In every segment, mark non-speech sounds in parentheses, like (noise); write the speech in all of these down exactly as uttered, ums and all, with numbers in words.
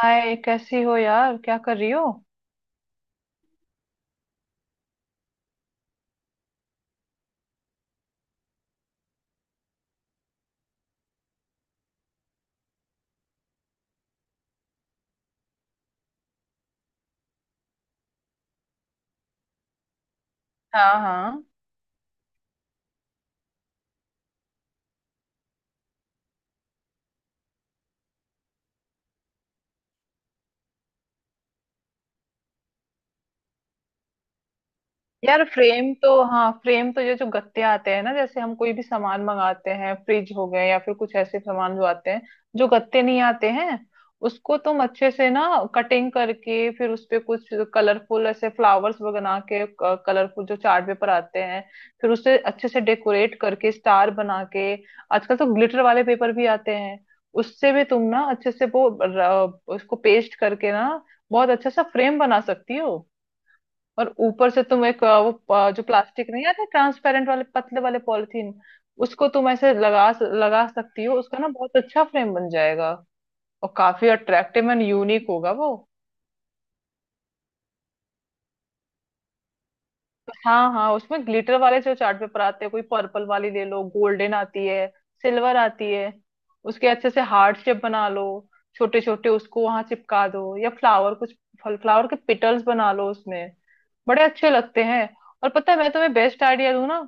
हाय, कैसी हो यार? क्या कर रही हो? हाँ हाँ। यार फ्रेम तो, हाँ फ्रेम तो ये जो गत्ते आते हैं ना, जैसे हम कोई भी सामान मंगाते हैं, फ्रिज हो गए या फिर कुछ ऐसे सामान जो आते हैं। जो गत्ते नहीं आते हैं, उसको तुम अच्छे से ना कटिंग करके फिर उस पे कुछ कलरफुल ऐसे फ्लावर्स बना के, कलरफुल जो चार्ट पेपर आते हैं फिर उसे अच्छे से डेकोरेट करके स्टार बना के। आजकल तो ग्लिटर वाले पेपर भी आते हैं, उससे भी तुम ना अच्छे से वो र- उसको पेस्ट करके ना बहुत अच्छा सा फ्रेम बना सकती हो। और ऊपर से तुम एक अ, वो अ, जो प्लास्टिक नहीं आते ट्रांसपेरेंट वाले पतले वाले पॉलिथीन, उसको तुम ऐसे लगा लगा सकती हो, उसका ना बहुत अच्छा फ्रेम बन जाएगा। और काफी अट्रैक्टिव एंड यूनिक होगा वो। हाँ हाँ, उसमें ग्लिटर वाले जो चार्ट पेपर आते हैं, कोई पर्पल वाली ले लो, गोल्डन आती है, सिल्वर आती है। उसके अच्छे से हार्ट शेप बना लो, छोटे छोटे, उसको वहां चिपका दो या फ्लावर कुछ, फ्लावर के पिटल्स बना लो उसमें, बड़े अच्छे लगते हैं। और पता है मैं तुम्हें बेस्ट आइडिया दूं ना?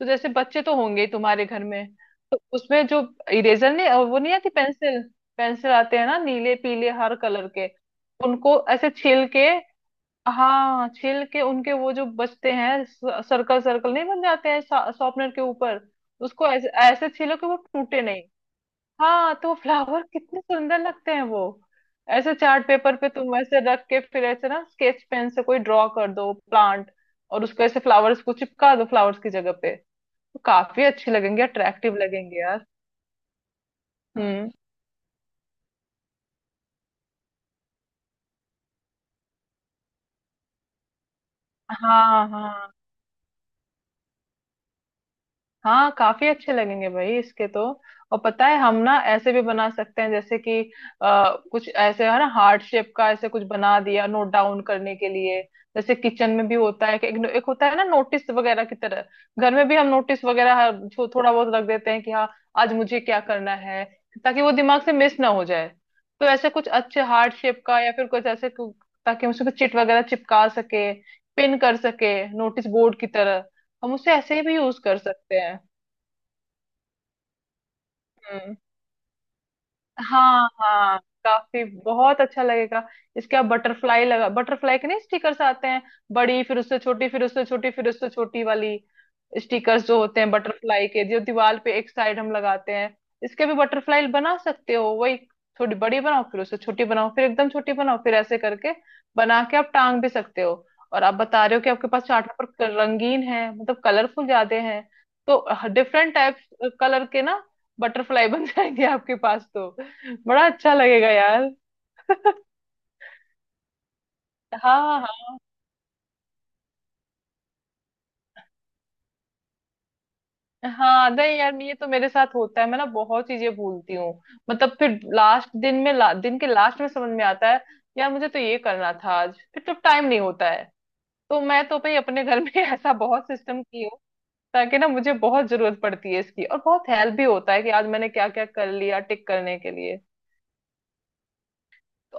तो जैसे बच्चे तो होंगे ही तुम्हारे घर में, तो उसमें जो इरेजर, नहीं, और वो नहीं आती पेंसिल, पेंसिल आते हैं ना नीले पीले हर कलर के, उनको ऐसे छील के, हाँ छील के उनके वो जो बचते हैं, सर्कल सर्कल नहीं बन जाते हैं शॉर्पनर के ऊपर, उसको ऐसे ऐसे छीलो कि वो टूटे नहीं। हाँ तो फ्लावर कितने सुंदर लगते हैं वो, ऐसे चार्ट पेपर पे तुम ऐसे रख के फिर ऐसे ना स्केच पेन से कोई ड्रॉ कर दो प्लांट, और उसको ऐसे फ्लावर्स को चिपका दो फ्लावर्स की जगह पे। तो काफी अच्छे लगेंगे, अट्रैक्टिव लगेंगे यार। हम्म। हाँ हाँ हाँ, काफी अच्छे लगेंगे भाई इसके तो। और पता है, हम ना ऐसे भी बना सकते हैं जैसे कि आ, कुछ ऐसे है ना हार्ट शेप का, ऐसे कुछ बना दिया नोट डाउन करने के लिए। जैसे किचन में भी होता है कि एक, एक होता है ना नोटिस वगैरह की तरह, घर में भी हम नोटिस वगैरह हर- थो, थोड़ा बहुत रख देते हैं कि हाँ आज मुझे क्या करना है, ताकि वो दिमाग से मिस ना हो जाए। तो ऐसे कुछ अच्छे हार्ट शेप का या फिर कुछ ऐसे कु- ताकि हम उसको चिट वगैरह चिपका सके, पिन कर सके नोटिस बोर्ड की तरह। हम उसे ऐसे भी यूज कर सकते हैं। हाँ हाँ हाँ, काफी बहुत अच्छा लगेगा। इसके आप बटरफ्लाई लगा बटरफ्लाई के नहीं स्टिकर्स आते हैं, बड़ी फिर उससे छोटी फिर उससे छोटी फिर उससे छोटी वाली, स्टिकर्स जो होते हैं बटरफ्लाई के, जो दीवार पे एक साइड हम लगाते हैं, इसके भी बटरफ्लाई बना सकते हो वही। थोड़ी बड़ी बनाओ फिर उससे छोटी बनाओ फिर एकदम छोटी बनाओ फिर ऐसे करके बना के आप टांग भी सकते हो। और आप बता रहे हो कि आपके पास चार्ट पेपर क- रंगीन है, मतलब कलरफुल ज्यादा है, तो डिफरेंट टाइप्स कलर के ना बटरफ्लाई (laughs) बन जाएंगे आपके पास तो। बड़ा अच्छा लगेगा यार। (laughs) हाँ हाँ हाँ, नहीं यार ये तो मेरे साथ होता है, मैं ना बहुत चीजें भूलती हूँ। मतलब फिर लास्ट दिन में ला, दिन के लास्ट में समझ में आता है यार मुझे तो ये करना था आज, फिर तो टाइम नहीं होता है। तो मैं तो भाई अपने घर में (laughs) ऐसा बहुत सिस्टम की हूँ, ताकि ना, मुझे बहुत जरूरत पड़ती है इसकी और बहुत हेल्प भी होता है कि आज मैंने क्या क्या कर लिया टिक करने के लिए।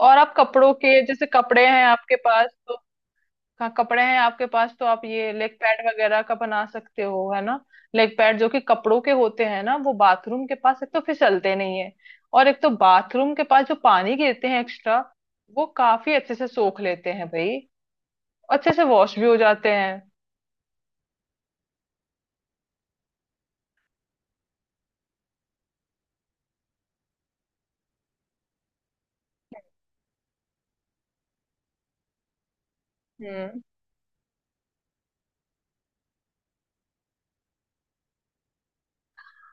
और आप कपड़ों के, जैसे कपड़े हैं आपके पास तो, का कपड़े हैं आपके पास तो आप ये लेग पैड वगैरह का बना सकते हो है ना। लेग पैड जो कि कपड़ों के होते हैं ना, वो बाथरूम के पास एक तो फिसलते नहीं है, और एक तो बाथरूम के पास जो पानी गिरते हैं एक्स्ट्रा, वो काफी अच्छे से सोख लेते हैं भाई। अच्छे से वॉश भी हो जाते हैं। हम्म।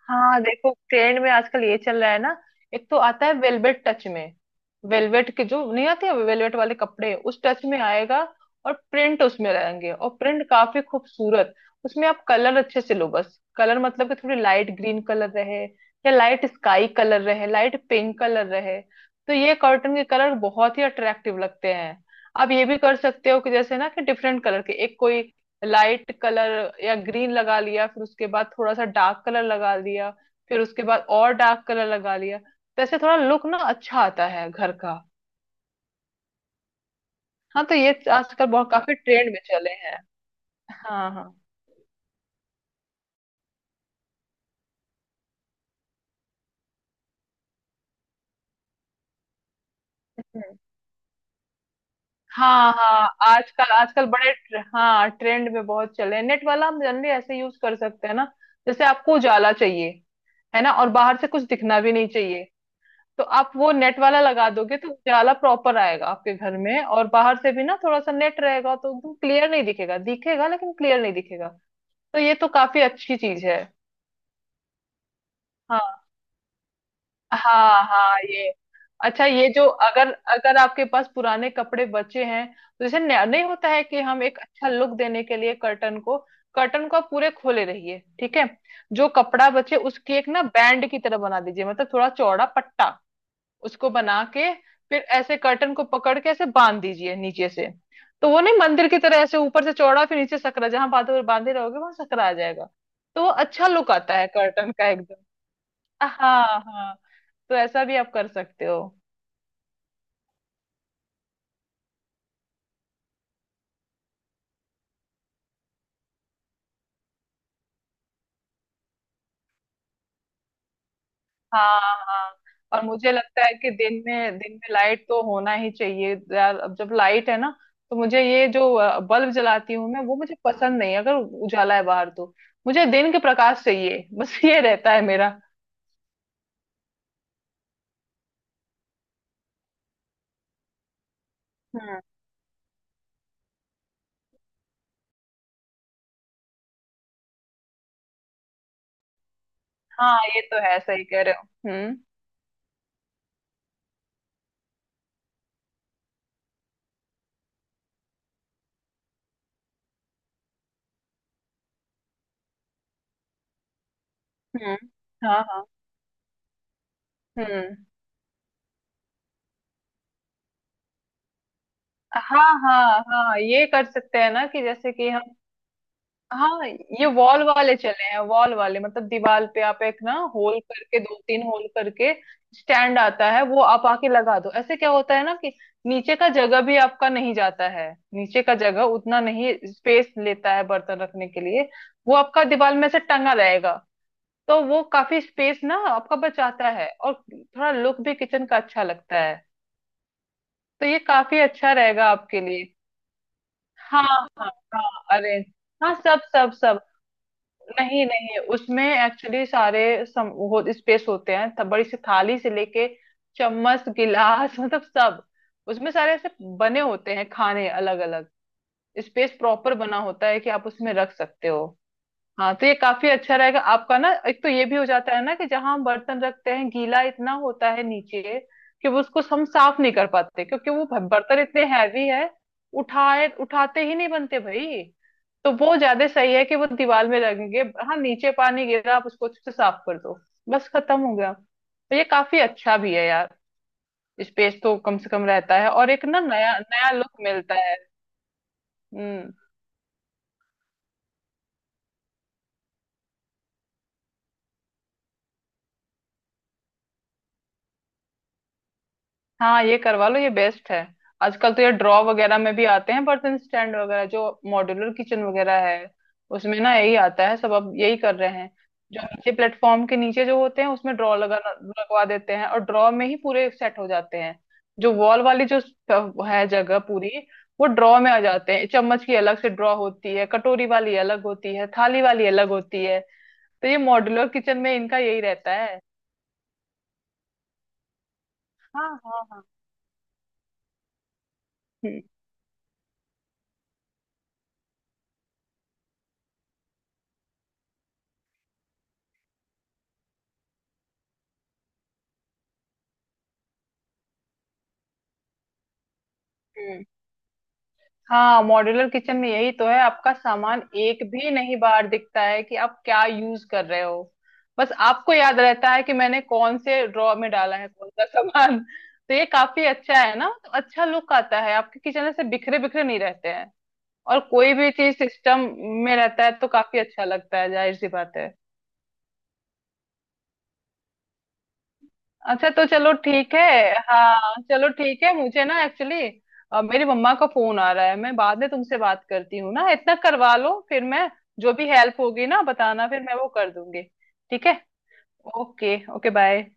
हाँ देखो, ट्रेंड में आजकल ये चल रहा है ना, एक तो आता है वेलवेट टच में, वेलवेट के जो नहीं आते वेलवेट वाले कपड़े, उस टच में आएगा। और प्रिंट उसमें रहेंगे, और प्रिंट काफी खूबसूरत। उसमें आप कलर अच्छे से लो, बस कलर मतलब कि थोड़ी लाइट ग्रीन कलर रहे, या लाइट स्काई कलर रहे, लाइट पिंक कलर रहे, तो ये कॉटन के कलर बहुत ही अट्रैक्टिव लगते हैं। आप ये भी कर सकते हो कि जैसे ना कि डिफरेंट कलर के, एक कोई लाइट कलर या ग्रीन लगा लिया, फिर उसके बाद थोड़ा सा डार्क कलर लगा लिया, फिर उसके बाद और डार्क कलर लगा लिया, तो ऐसे थोड़ा लुक ना अच्छा आता है घर का। हाँ तो ये आजकल बहुत काफी ट्रेंड में चले हैं। हाँ हाँ। हम्म। हाँ हाँ, आजकल आजकल बड़े ट्र- हाँ ट्रेंड में बहुत चले हैं। नेट वाला हम जनरली ऐसे यूज कर सकते हैं ना, जैसे आपको उजाला चाहिए है ना, और बाहर से कुछ दिखना भी नहीं चाहिए, तो आप वो नेट वाला लगा दोगे तो उजाला प्रॉपर आएगा आपके घर में, और बाहर से भी ना थोड़ा सा नेट रहेगा तो एकदम क्लियर नहीं दिखेगा, दिखेगा लेकिन क्लियर नहीं दिखेगा। तो ये तो काफी अच्छी चीज है। हाँ हाँ हाँ ये, अच्छा, ये जो अगर अगर आपके पास पुराने कपड़े बचे हैं, तो जैसे नया- नहीं होता है कि हम एक अच्छा लुक देने के लिए कर्टन को कर्टन को आप पूरे खोले रहिए ठीक है, जो कपड़ा बचे उसकी एक ना बैंड की तरह बना दीजिए, मतलब थोड़ा चौड़ा पट्टा, उसको बना के फिर ऐसे कर्टन को पकड़ के ऐसे बांध दीजिए नीचे से। तो वो नहीं मंदिर की तरह ऐसे ऊपर से चौड़ा फिर नीचे सकरा, जहां बांधे बांधे रहोगे वहां सकरा आ जाएगा। तो वो अच्छा लुक आता है कर्टन का एकदम। हाँ हाँ, तो ऐसा भी आप कर सकते हो। हाँ हाँ। और मुझे लगता है कि दिन में दिन में लाइट तो होना ही चाहिए यार, अब जब लाइट है ना, तो मुझे ये जो अ, बल्ब जलाती हूँ मैं, वो मुझे पसंद नहीं है, अगर उजाला है बाहर तो। मुझे दिन के प्रकाश चाहिए, बस ये रहता है मेरा। हम्म। हाँ ये तो है, सही कह रहे हो। हम्म। हम्म। हाँ हाँ। हम्म। हाँ हाँ हाँ, ये कर सकते हैं ना कि जैसे कि हम, हाँ ये वॉल वाले चले हैं। वॉल वाले मतलब दीवार पे आप एक ना होल करके, दो तीन होल करके स्टैंड आता है वो, आप आके लगा दो, ऐसे क्या होता है ना कि नीचे का जगह भी आपका नहीं जाता है, नीचे का जगह उतना नहीं स्पेस लेता है बर्तन रखने के लिए, वो आपका दीवार में से टंगा रहेगा। तो वो काफी स्पेस ना आपका बचाता है, और थोड़ा लुक भी किचन का अच्छा लगता है। तो ये काफी अच्छा रहेगा आपके लिए। हाँ हाँ। हाँ अरे, हाँ सब सब सब, नहीं नहीं, उसमें एक्चुअली सारे सम, वो स्पेस होते हैं, तब बड़ी सी थाली से लेके चम्मच गिलास मतलब सब, उसमें सारे ऐसे बने होते हैं, खाने अलग अलग, स्पेस प्रॉपर बना होता है कि आप उसमें रख सकते हो। हाँ तो ये काफी अच्छा रहेगा आपका ना, एक तो ये भी हो जाता है ना कि जहां हम बर्तन रखते हैं गीला इतना होता है नीचे, कि वो उसको हम साफ नहीं कर पाते क्योंकि वो भ- बर्तन इतने हैवी है, उठाए उठाते ही नहीं बनते भाई। तो वो ज्यादा सही है कि वो दीवार में लगेंगे। हाँ नीचे पानी गिरा आप उसको अच्छे से साफ कर दो, बस खत्म हो गया। तो ये काफी अच्छा भी है यार। स्पेस तो कम से कम रहता है, और एक ना नया नया लुक मिलता है। हम्म। हाँ ये करवा लो, ये बेस्ट है। आजकल तो ये ड्रॉ वगैरह में भी आते हैं बर्तन स्टैंड वगैरह, जो मॉड्यूलर किचन वगैरह है, उसमें ना यही आता है सब, अब यही कर रहे हैं। जो नीचे प्लेटफॉर्म के नीचे जो होते हैं उसमें ड्रॉ लगा लगवा देते हैं, और ड्रॉ में ही पूरे सेट हो जाते हैं। जो वॉल वाली जो स- है जगह पूरी, वो ड्रॉ में आ जाते हैं। चम्मच की अलग से ड्रॉ होती है, कटोरी वाली अलग होती है, थाली वाली अलग होती है। तो ये मॉड्यूलर किचन में इनका यही रहता है। हाँ हाँ हाँ। हम्म। हाँ मॉड्यूलर किचन में यही तो है, आपका सामान एक भी नहीं बाहर दिखता है कि आप क्या यूज कर रहे हो। बस आपको याद रहता है कि मैंने कौन से ड्रॉ में डाला है कौन सा (laughs) सामान। तो ये काफी अच्छा है ना, तो अच्छा लुक आता है आपके किचन, ऐसे बिखरे बिखरे नहीं रहते हैं। और कोई भी चीज सिस्टम में रहता है तो काफी अच्छा लगता है, जाहिर सी बात है। अच्छा तो चलो ठीक है। हाँ चलो ठीक है, मुझे ना एक्चुअली मेरी मम्मा का फोन आ रहा है, मैं बाद में तुमसे बात करती हूँ ना, इतना करवा लो फिर मैं, जो भी हेल्प होगी ना बताना, फिर मैं वो कर दूंगी। ठीक है, ओके ओके बाय।